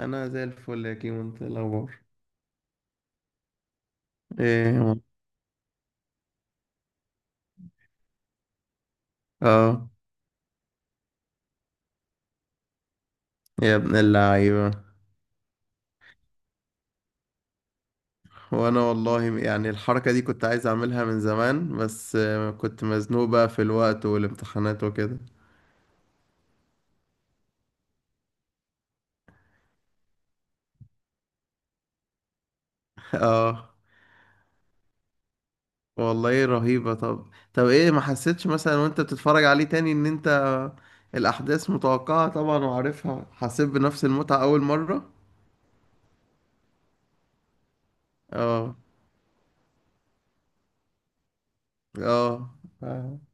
انا زي الفل يا كيمو، انت إيه الاخبار؟ ايه. اه. يا ابن اللعيبه. وانا والله يعني الحركه دي كنت عايز اعملها من زمان، بس كنت مزنوق بقى في الوقت والامتحانات وكده. اه. والله رهيبه. طب. طب ايه، ما حسيتش مثلا وانت بتتفرج عليه تاني ان انت الاحداث متوقعه طبعا وعارفها حسيت بنفس المتعه اول مره؟ اه. اه فاهم.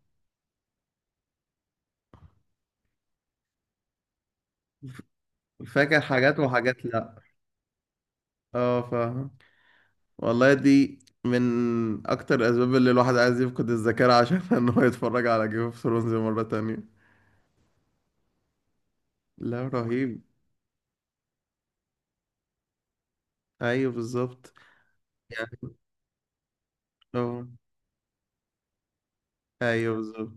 فاكر حاجات وحاجات لا. اه فاهم. والله دي من اكتر الاسباب اللي الواحد عايز يفقد الذاكره عشان ان هو يتفرج على جيم اوف ثرونز مره تانية. لا رهيب. ايوه بالظبط. يعني لو. ايوه بالظبط.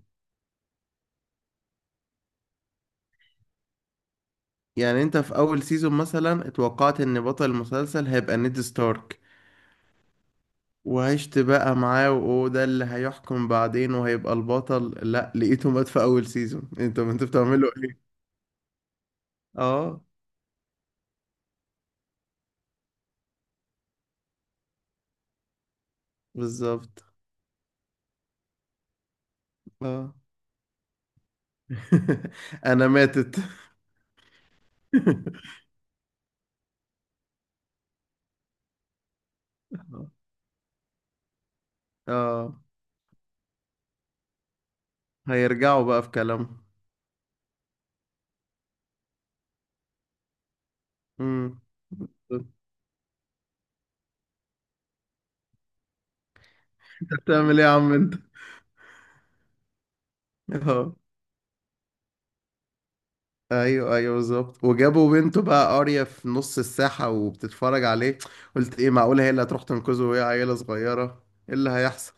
يعني انت في اول سيزون مثلا اتوقعت ان بطل المسلسل هيبقى نيد ستارك، وعشت بقى معاه وهو ده اللي هيحكم بعدين وهيبقى البطل، لا لقيته مات في اول سيزون، انت انت بتعمله ايه؟ اه بالظبط. اه. انا ماتت. اه. هيرجعوا بقى في كلامهم. امم. انت بتعمل ايه يا عم انت؟ اه. ايوه ايوه بالظبط. وجابوا بنته بقى قارية في نص الساحة وبتتفرج عليه. قلت ايه، معقولة هي اللي هتروح تنقذه وهي عيلة صغيرة؟ ايه اللي هيحصل.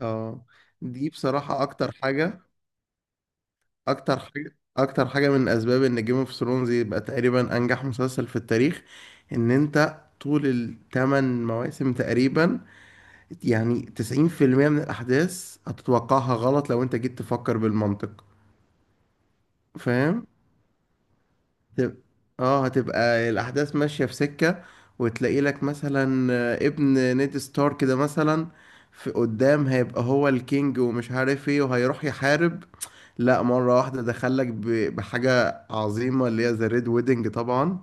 اه. دي بصراحة اكتر حاجة من اسباب ان جيم اوف ثرونز يبقى تقريبا انجح مسلسل في التاريخ، ان انت طول الثمان مواسم تقريبا يعني 90% من الأحداث هتتوقعها غلط لو أنت جيت تفكر بالمنطق. فاهم؟ هتب- اه هتبقى الأحداث ماشية في سكة، وتلاقي لك مثلا ابن نيد ستارك كده مثلا في قدام هيبقى هو الكينج ومش عارف ايه وهيروح يحارب، لا مرة واحدة دخلك بحاجة عظيمة اللي هي ذا ريد ويدنج طبعا.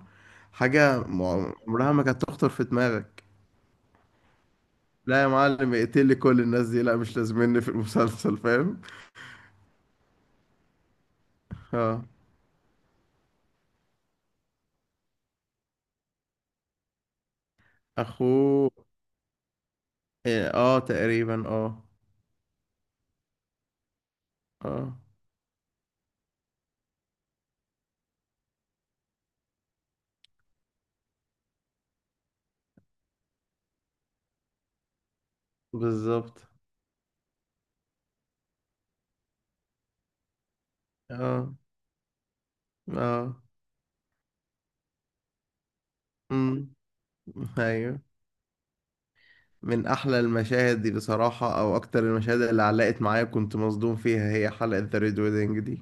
حاجة عمرها ما كانت تخطر في دماغك. لا يا معلم، اقتلي كل الناس دي، لا مش لازمني في المسلسل. فاهم؟ اه. اخوه. إيه، اه تقريبا اه. اه بالظبط. اه. اه. امم. ايوه. من احلى المشاهد دي بصراحة، او اكتر المشاهد اللي علقت معايا كنت مصدوم فيها، هي حلقة ذا ريد ويدنج دي.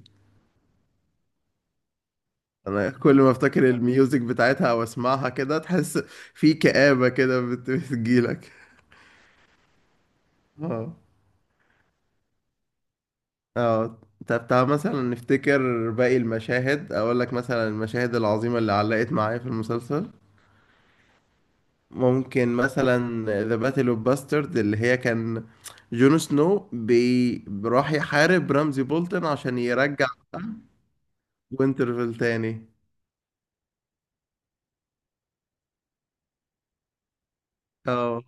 انا كل ما افتكر الميوزك بتاعتها او اسمعها كده تحس في كآبة كده بتجيلك. اه. اه. طب تعال مثلا نفتكر باقي المشاهد، اقول لك مثلا المشاهد العظيمة اللي علقت معايا في المسلسل. ممكن مثلا ذا باتل اوف باسترد اللي هي كان جون سنو راح يحارب رمزي بولتن عشان يرجع وينترفيل تاني. اه.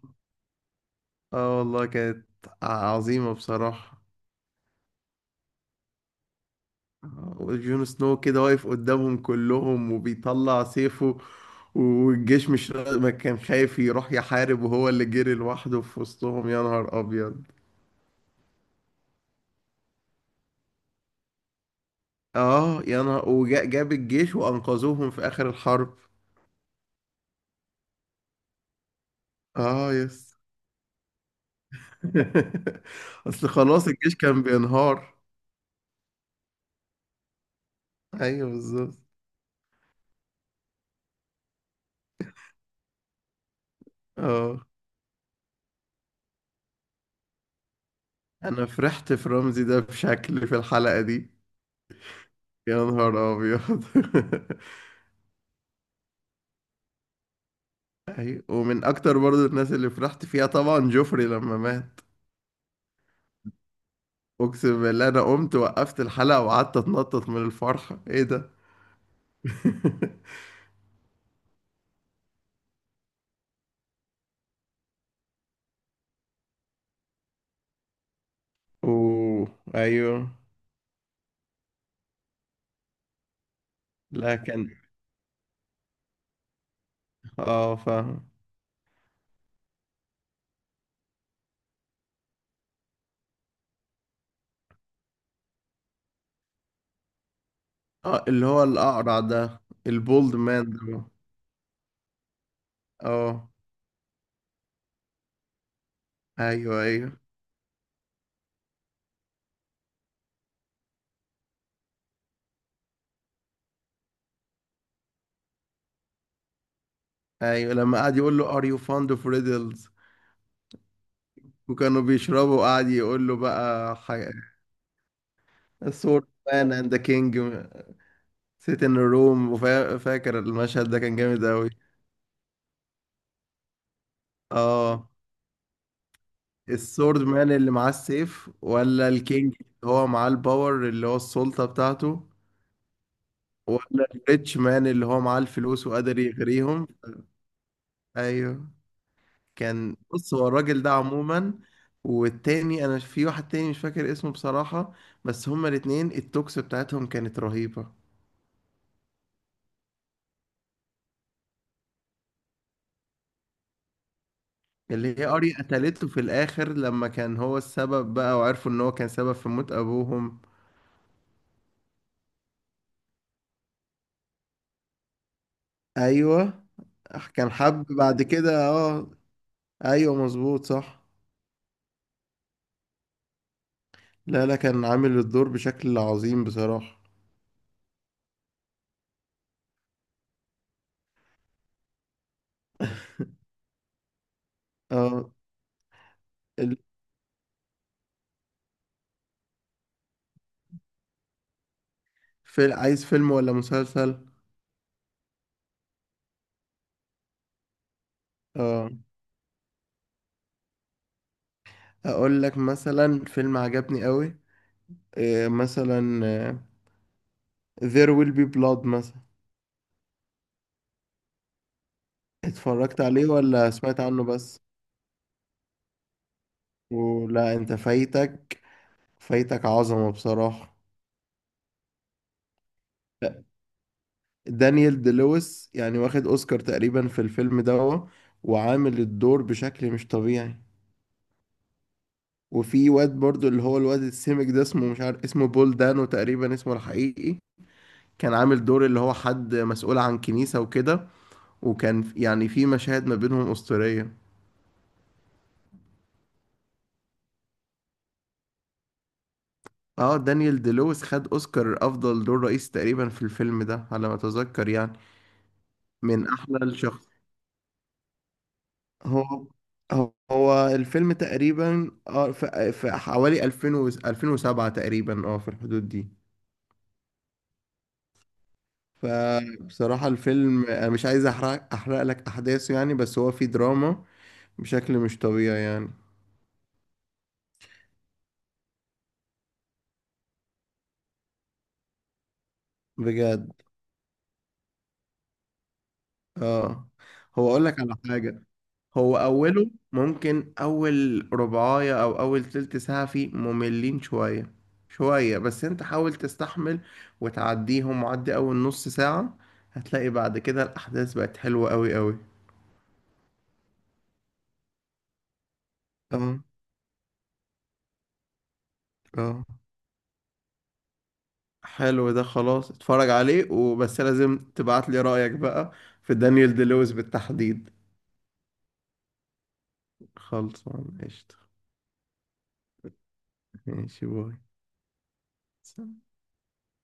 اه والله كانت عظيمة بصراحة. وجون سنو كده واقف قدامهم كلهم وبيطلع سيفه، والجيش مش را- ما كان خايف يروح يحارب وهو اللي جري لوحده في وسطهم. يا نهار ابيض. اه يا نهار، وجاب الجيش وانقذوهم في اخر الحرب. اه يس. اصل خلاص الجيش كان بينهار. ايوه بالظبط. اه. انا فرحت في رمزي ده بشكل في الحلقة دي. يا نهار ابيض. ايوه، ومن اكتر برضو الناس اللي فرحت فيها طبعا جوفري لما مات. اقسم بالله انا قمت وقفت الحلقة وقعدت اتنطط من الفرحة، ايه ده. اوه. ايوه. لا كان. اه فاهم. اه اللي هو الاقرع ده، البولد مان ده. اه ايوه ايوه ايوه. لما قعد يقول له ار يو فاند اوف ريدلز، وكانوا بيشربوا وقعد يقول له بقى سورد مان اند ذا كينج سيت ان روم. وفاكر المشهد ده كان جامد قوي. اه. السورد مان اللي معاه السيف، ولا الكينج اللي هو معاه الباور اللي هو السلطة بتاعته، ولا الريتش مان اللي هو معاه الفلوس وقادر يغريهم. ايوه كان. بص هو الراجل ده عموما، والتاني انا في واحد تاني مش فاكر اسمه بصراحة، بس هما الاتنين التوكس بتاعتهم كانت رهيبة. اللي هي اري قتلته في الاخر لما كان هو السبب بقى وعرفوا ان هو كان سبب في موت ابوهم. ايوه كان حب بعد كده اه. ايوه مظبوط صح. لا لا كان عامل الدور بشكل عظيم بصراحة. اه ال- في عايز فيلم ولا مسلسل؟ اه. اقول لك مثلا فيلم عجبني قوي. إيه مثلا There Will Be Blood مثلا. اتفرجت عليه ولا سمعت عنه بس؟ ولا انت فايتك، فايتك عظمة بصراحة. لا، دانيال دي لويس يعني واخد اوسكار تقريبا في الفيلم ده، وعامل الدور بشكل مش طبيعي. وفي واد برضو اللي هو الواد السمك ده اسمه مش عارف اسمه بول دانو تقريبا اسمه الحقيقي، كان عامل دور اللي هو حد مسؤول عن كنيسة وكده، وكان يعني في مشاهد ما بينهم أسطورية. اه دانيال دي لويس خد اوسكار افضل دور رئيسي تقريبا في الفيلم ده على ما اتذكر يعني. من احلى الشخص. هو هو الفيلم تقريبا في حوالي 2000 و 2007 تقريبا، اه في الحدود دي. فبصراحة الفيلم انا مش عايز احرق لك احداثه يعني، بس هو فيه دراما بشكل مش طبيعي يعني. بجد. اه. هو اقول لك على حاجة. هو أوله ممكن أول ربعاية أو أول تلت ساعة فيه مملين شوية شوية، بس أنت حاول تستحمل وتعديهم، وعدي أول نص ساعة هتلاقي بعد كده الأحداث بقت حلوة أوي أوي. اه. اه. حلو ده خلاص، اتفرج عليه وبس لازم تبعت لي رأيك بقى في دانيال دي لويس بالتحديد. خلصان قشطة. ماشي باي. سلام.